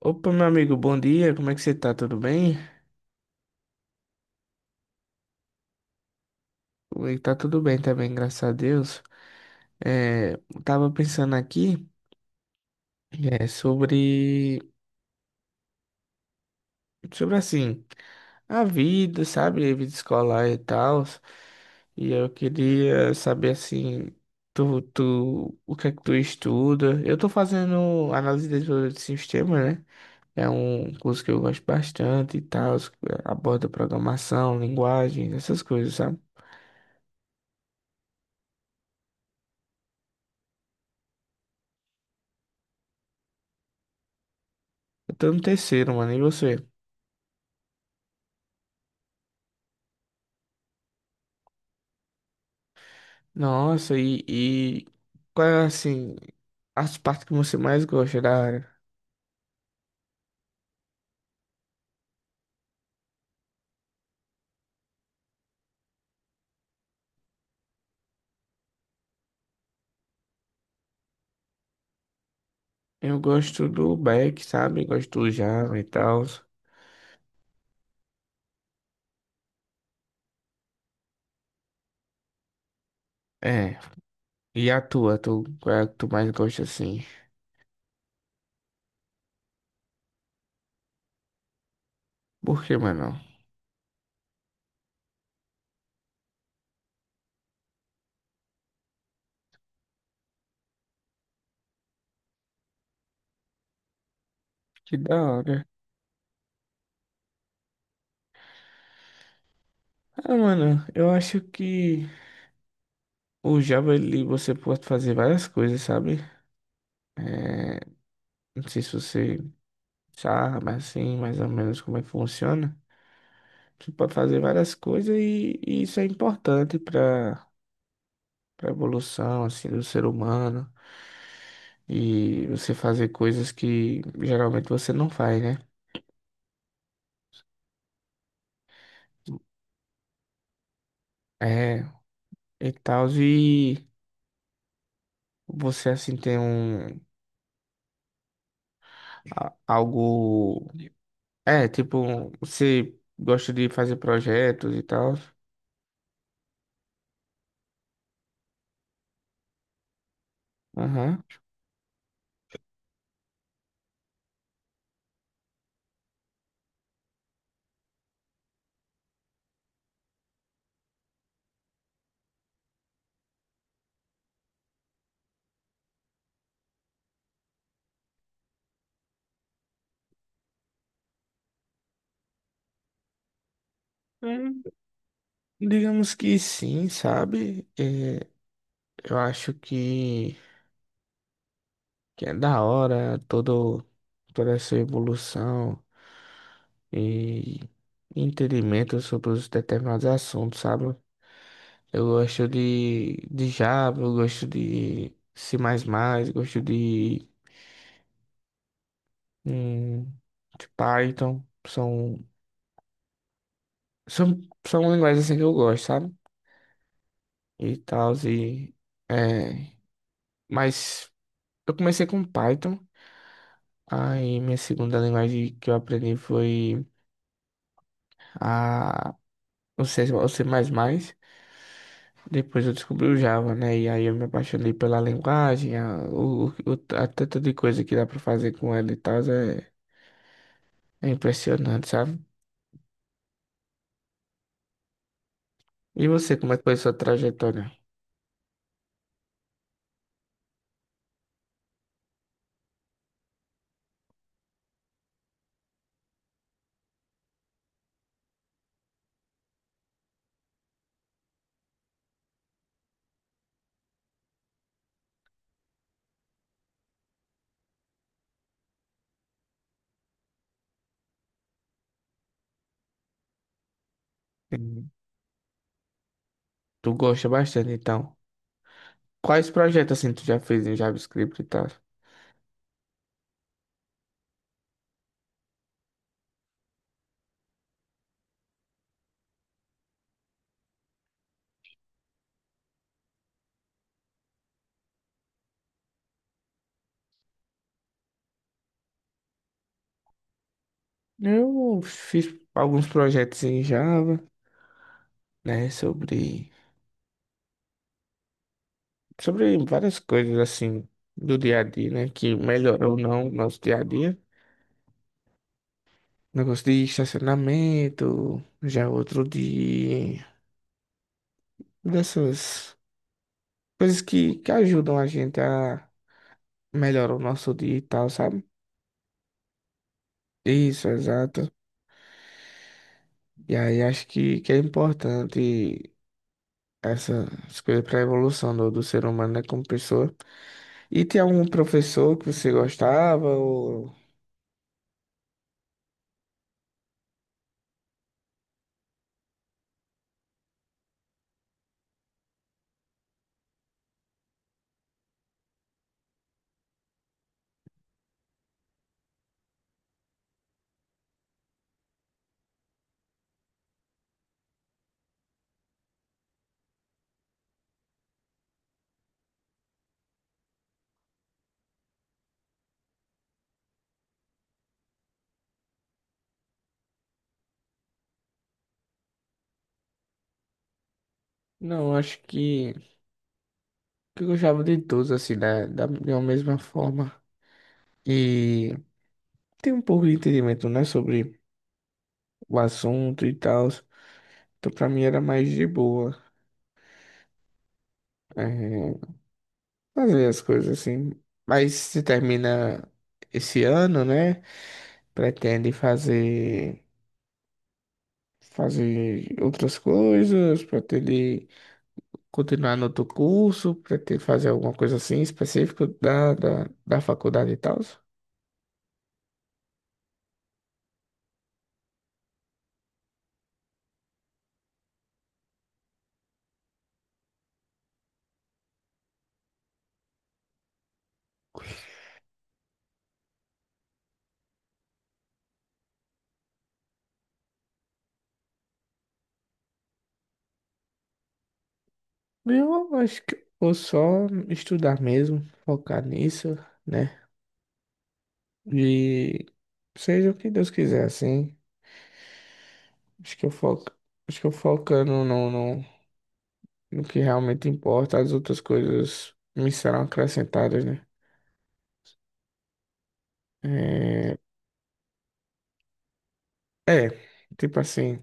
Opa, meu amigo, bom dia. Como é que você tá? Tudo bem? Comigo tá tudo bem também, graças a Deus. É, eu tava pensando aqui, é, sobre, sobre assim, a vida, sabe? A vida escolar e tal. E eu queria saber assim, tu, o que é que tu estuda? Eu tô fazendo análise de desenvolvimento de sistema, né? É um curso que eu gosto bastante e tal, aborda programação, linguagens, essas coisas, sabe? Eu tô no terceiro, mano, e você? Nossa, e qual é assim as partes que você mais gosta da área? Eu gosto do back, sabe? Gosto do Java e tal. É. E tu, qual é a que tu mais gosta assim? Por que, mano? Que da hora. Ah, mano, eu acho que o Java ele você pode fazer várias coisas, sabe? É, não sei se você sabe assim, mais ou menos como é que funciona. Você pode fazer várias coisas e isso é importante para evolução assim do ser humano e você fazer coisas que geralmente você não faz, né? É, e tal e você assim tem um algo é, tipo, você gosta de fazer projetos e tal. Aham. Hum, Digamos que sim, sabe? É, eu acho que é da hora toda essa evolução. E entendimento sobre os determinados assuntos, sabe? Eu gosto de Java, eu gosto de C++, gosto hum, de Python. São, são linguagens assim que eu gosto, sabe? E tal, e... É, mas eu comecei com Python, aí minha segunda linguagem que eu aprendi foi a, o C, o C++. Depois eu descobri o Java, né? E aí eu me apaixonei pela linguagem, a tanta de coisa que dá pra fazer com ela e tal, é impressionante, sabe? E você, como é que foi a sua trajetória? Hum, Tu gosta bastante, então. Quais projetos assim tu já fez em JavaScript e tal? Eu fiz alguns projetos em Java, né? Sobre várias coisas assim do dia a dia, né? Que melhorou ou não o nosso dia a dia. Negócio de estacionamento, já outro dia. Dessas coisas que ajudam a gente a melhorar o nosso dia e tal, sabe? Isso, exato. E aí acho que é importante essas coisas para a evolução do ser humano, né, como pessoa. E tem algum professor que você gostava ou... Não, acho que eu gostava de todos, assim, de uma mesma forma. E tem um pouco de entendimento, né, sobre o assunto e tal. Então, pra mim era mais de boa. É, fazer as coisas assim. Mas se termina esse ano, né? Pretende fazer outras coisas, pretende continuar no outro curso, pretende fazer alguma coisa assim específica da faculdade e tal. Eu acho que eu vou só estudar mesmo, focar nisso, né? E seja o que Deus quiser, assim. Acho que eu foco, acho que eu focando no, no que realmente importa, as outras coisas me serão acrescentadas, né? É, é, tipo assim,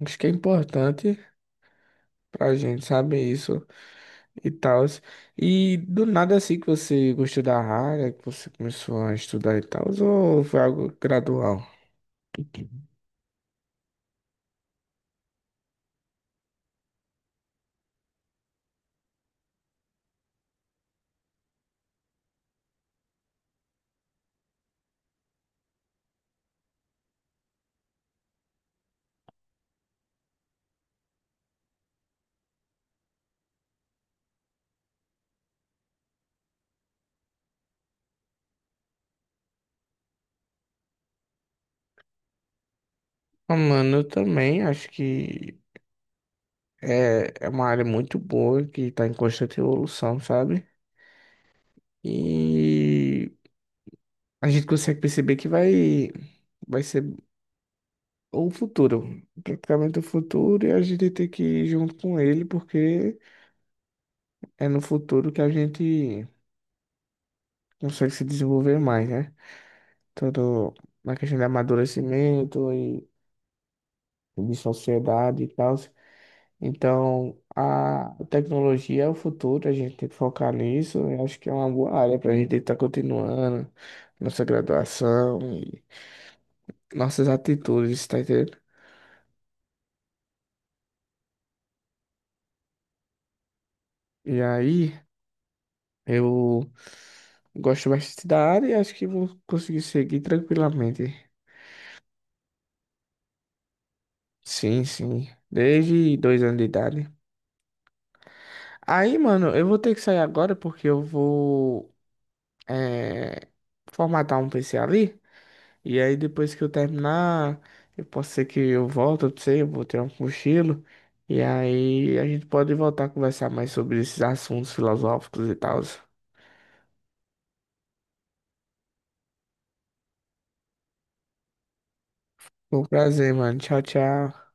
acho que é importante pra gente saber isso e tal. E do nada assim que você gostou da área, que você começou a estudar e tal, ou foi algo gradual? Ah, mano, eu também acho que é uma área muito boa que tá em constante evolução, sabe? E a gente consegue perceber que vai ser o futuro, praticamente o futuro, e a gente tem que ir junto com ele, porque é no futuro que a gente consegue se desenvolver mais, né? Todo na questão de amadurecimento e de sociedade e tal. Então, a tecnologia é o futuro, a gente tem que focar nisso. Eu acho que é uma boa área para a gente estar continuando nossa graduação e nossas atitudes, tá entendendo? E aí, eu gosto bastante da área e acho que vou conseguir seguir tranquilamente. Sim, sim. Desde 2 anos de idade. Aí, mano, eu vou ter que sair agora porque eu vou eh, formatar um PC ali. E aí depois que eu terminar, eu posso ser que eu volte, eu sei, eu vou ter um cochilo. E aí a gente pode voltar a conversar mais sobre esses assuntos filosóficos e tal. Foi um prazer, mano. Tchau, tchau.